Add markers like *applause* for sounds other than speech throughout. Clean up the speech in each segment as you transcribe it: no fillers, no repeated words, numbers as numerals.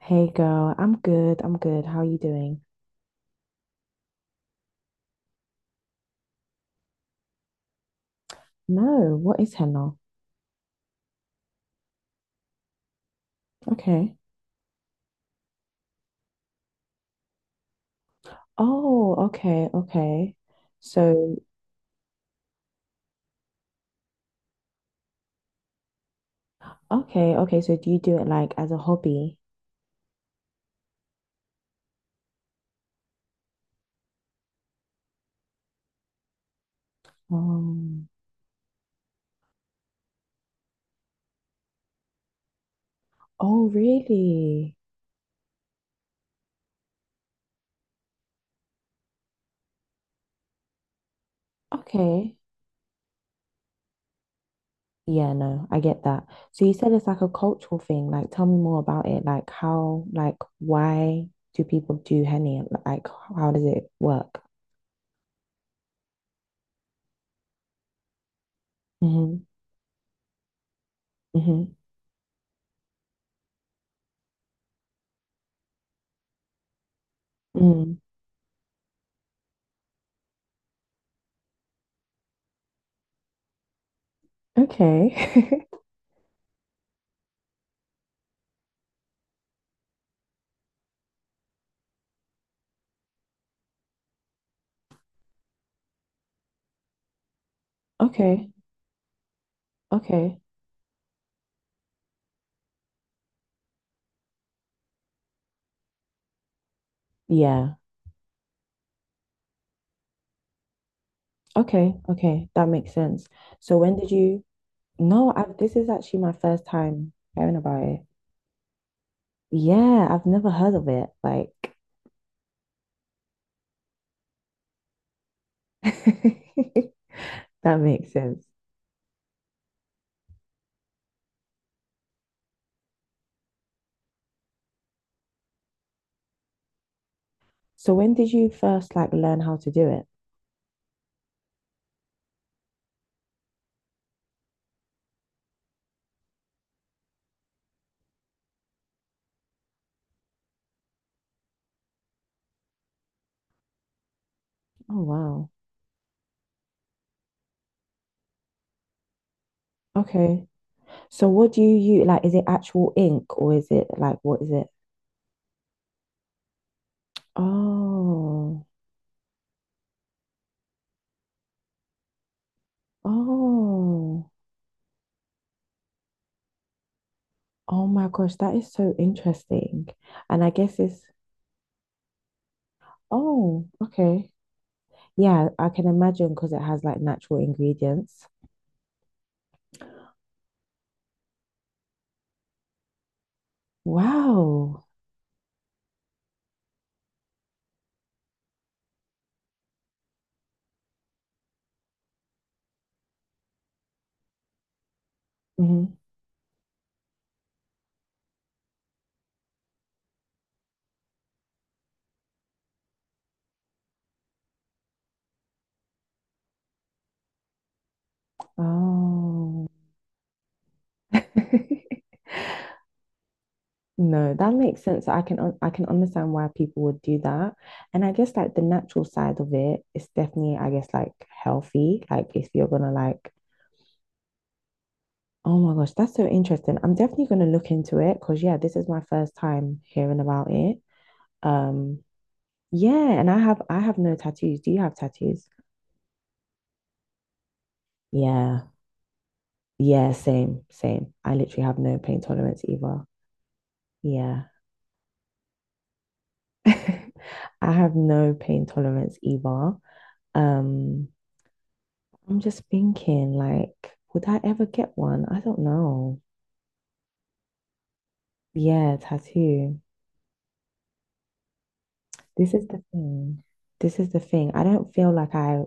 Hey girl, I'm good. I'm good. How are you doing? No, what is henna? Okay. Oh, okay, okay. So, okay, okay. So, do you do it like as a hobby? Um, oh, really? Okay. Yeah, no, I get that. So, you said it's like a cultural thing. Like, tell me more about it. Like, how, like, why do people do henna? Like, how does it work? Mm-hmm. Mm-hmm. Mm. Okay. *laughs* Okay. Okay. Yeah. Okay, okay, that makes sense. So when did you? No, I this is actually my first time hearing about it. Yeah, I've never heard of it. Like, *laughs* that makes sense. So when did you first like learn how to do it? Oh wow. Okay. So what do you use? Like, is it actual ink or is it like what is it? Oh, oh, oh my gosh, that is so interesting. And I guess it's, oh, okay. Yeah, I can imagine because it has like natural ingredients. Wow. Mhm. Oh. *laughs* No, that makes sense. I can understand why people would do that. And I guess like the natural side of it is definitely, I guess, like healthy. Like if you're gonna like, oh my gosh, that's so interesting. I'm definitely gonna look into it because yeah, this is my first time hearing about it. Um, yeah, and I have no tattoos. Do you have tattoos? Yeah. Yeah, same, same. I literally have no pain tolerance either. Yeah. *laughs* I have no pain tolerance either. Um, I'm just thinking, like, would I ever get one? I don't know. Yeah, tattoo. This is the thing. This is the thing. I don't feel like I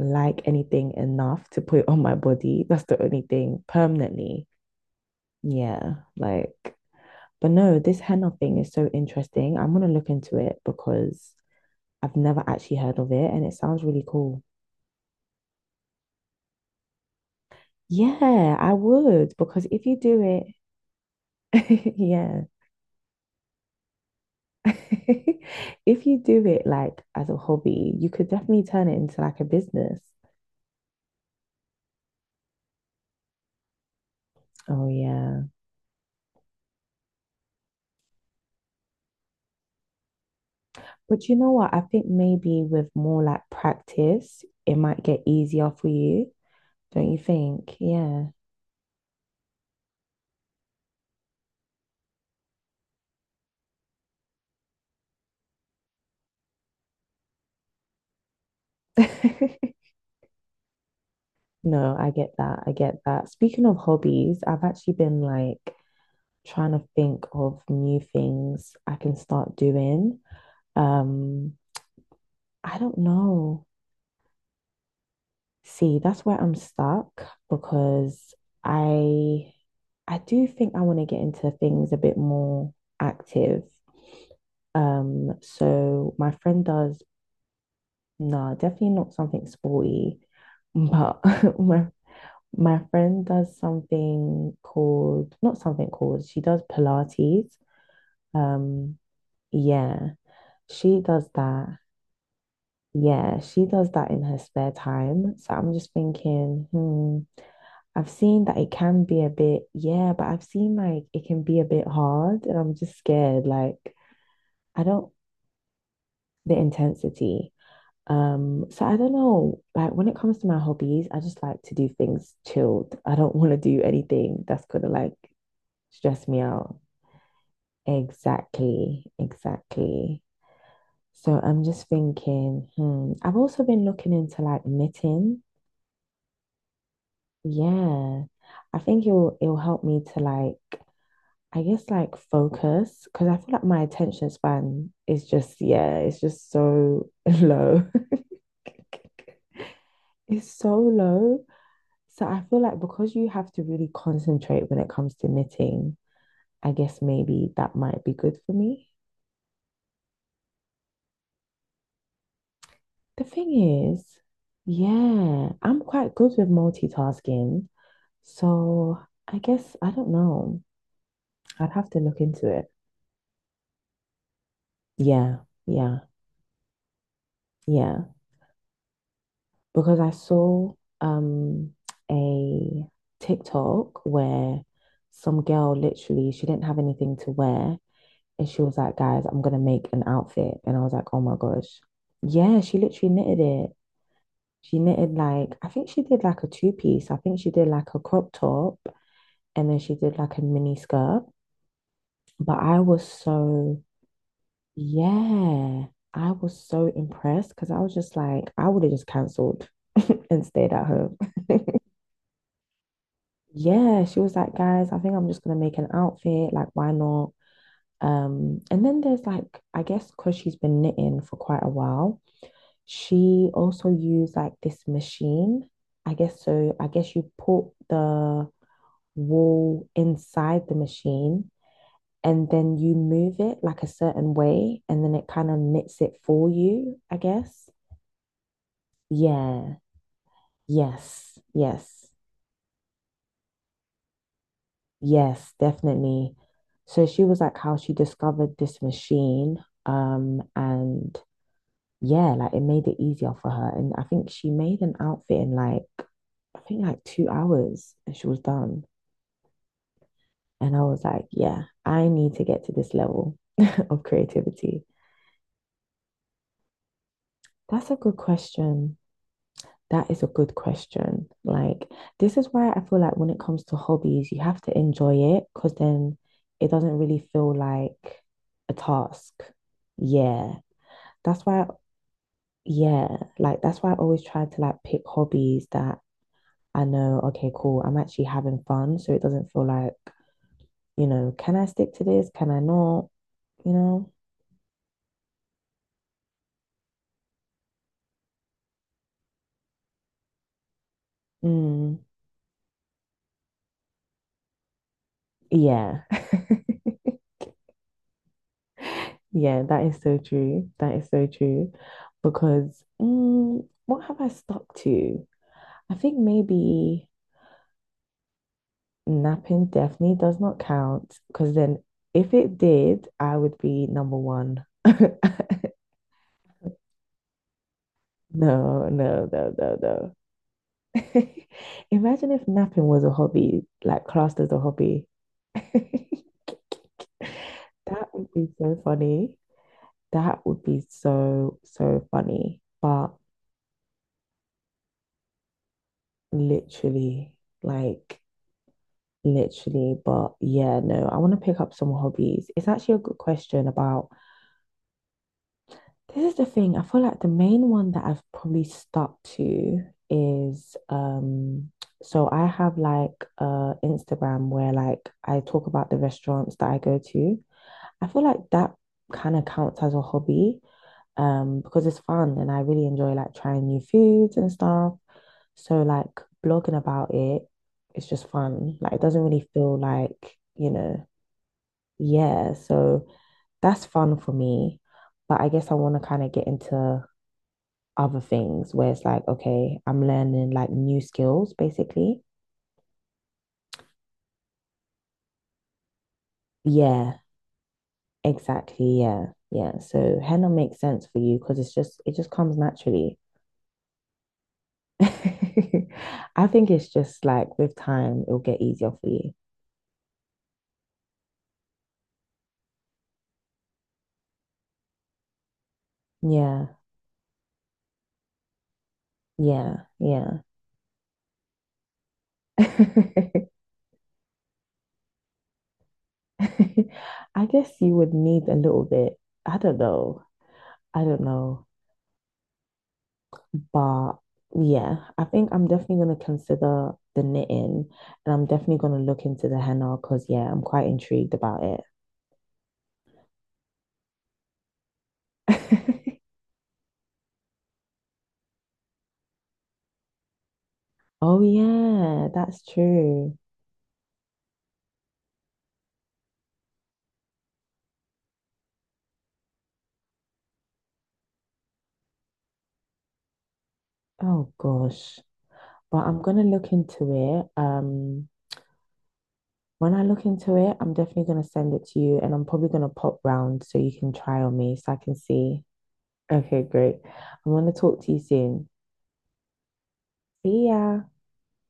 like anything enough to put on my body. That's the only thing permanently. Yeah, like, but no, this henna thing is so interesting. I'm gonna look into it because I've never actually heard of it and it sounds really cool. Yeah, I would because if you do it, *laughs* yeah. *laughs* If you do it like as a hobby, you could definitely turn it into like a business. Oh yeah. But you know what? I think maybe with more like practice, it might get easier for you, don't you think? Yeah. *laughs* No, I get that. I get that. Speaking of hobbies, I've actually been like trying to think of new things I can start doing. Um, I don't know. See, that's where I'm stuck because I I do think I want to get into things a bit more active. So my friend does no, definitely not something sporty, but *laughs* my my friend does something called not something called, she does Pilates. Um, yeah, she does that. Yeah, she does that in her spare time. So I'm just thinking, I've seen that it can be a bit, yeah, but I've seen like it can be a bit hard and I'm just scared. Like, I don't. The intensity. So I don't know. Like, when it comes to my hobbies, I just like to do things chilled. I don't want to do anything that's gonna like stress me out. Exactly, exactly. So I'm just thinking, I've also been looking into like knitting. Yeah, I think it'll help me to like I guess like focus because I feel like my attention span is just yeah, it's just so *laughs* low. *laughs* It's so low. So I feel like because you have to really concentrate when it comes to knitting, I guess maybe that might be good for me. The thing is, yeah, I'm quite good with multitasking. So I guess I don't know. I'd have to look into it. Yeah, yeah, yeah. Because I saw um a TikTok where some girl literally she didn't have anything to wear and she was like, guys, I'm gonna make an outfit. And I was like, oh my gosh. Yeah, she literally knitted it. She knitted like I think she did like a two piece. I think she did like a crop top and then she did like a mini skirt. But I was so yeah, I was so impressed because I was just like, I would have just cancelled *laughs* and stayed at home. *laughs* Yeah, she was like, guys, I think I'm just gonna make an outfit. Like, why not? And then there's like, I guess because she's been knitting for quite a while, she also used like this machine. I guess so. I guess you put the wool inside the machine and then you move it like a certain way and then it kind of knits it for you, I guess. Yeah. Yes. Yes. Yes, definitely. So she was like how she discovered this machine, and yeah, like it made it easier for her. And I think she made an outfit in like, I think like 2 hours, and she was done. And I was like, yeah, I need to get to this level *laughs* of creativity. That's a good question. That is a good question. Like, this is why I feel like when it comes to hobbies, you have to enjoy it because then it doesn't really feel like a task. Yeah. That's why, yeah, like that's why I always try to like pick hobbies that I know, okay, cool, I'm actually having fun. So it doesn't feel like, can I stick to this? Can I not? You know? Mm, yeah. *laughs* Yeah, that is so true. That is so true. Because what have I stuck to? I think maybe napping definitely does not count because then if it did, I would be number one. *laughs* No, no, no, no, no. *laughs* Imagine if napping was a hobby, like classed as a hobby. *laughs* That would be so funny. That would be so, so funny. But literally, like, literally, but yeah, no, I want to pick up some hobbies. It's actually a good question about This is the thing. I feel like the main one that I've probably stuck to is so I have like Instagram where like I talk about the restaurants that I go to. I feel like that kind of counts as a hobby because it's fun and I really enjoy like trying new foods and stuff. So like blogging about it, it's just fun. Like it doesn't really feel like, yeah, so that's fun for me. But I guess I want to kind of get into other things where it's like, okay, I'm learning like new skills basically. Yeah, exactly. Yeah. Yeah. So henna makes sense for you because it just comes naturally. *laughs* I think it's just like with time, it'll get easier for you. Yeah. Yeah. Yeah. *laughs* I guess you would need a little bit. I don't know. I don't know. But yeah, I think I'm definitely going to consider the knitting and I'm definitely going to look into the henna because, yeah, I'm quite intrigued about it. *laughs* Oh, yeah, that's true. Oh, gosh. But I'm going to look into it. When I look into it, I'm definitely going to send it to you and I'm probably going to pop round so you can try on me so I can see. Okay, great. I'm going to talk to you soon. See ya.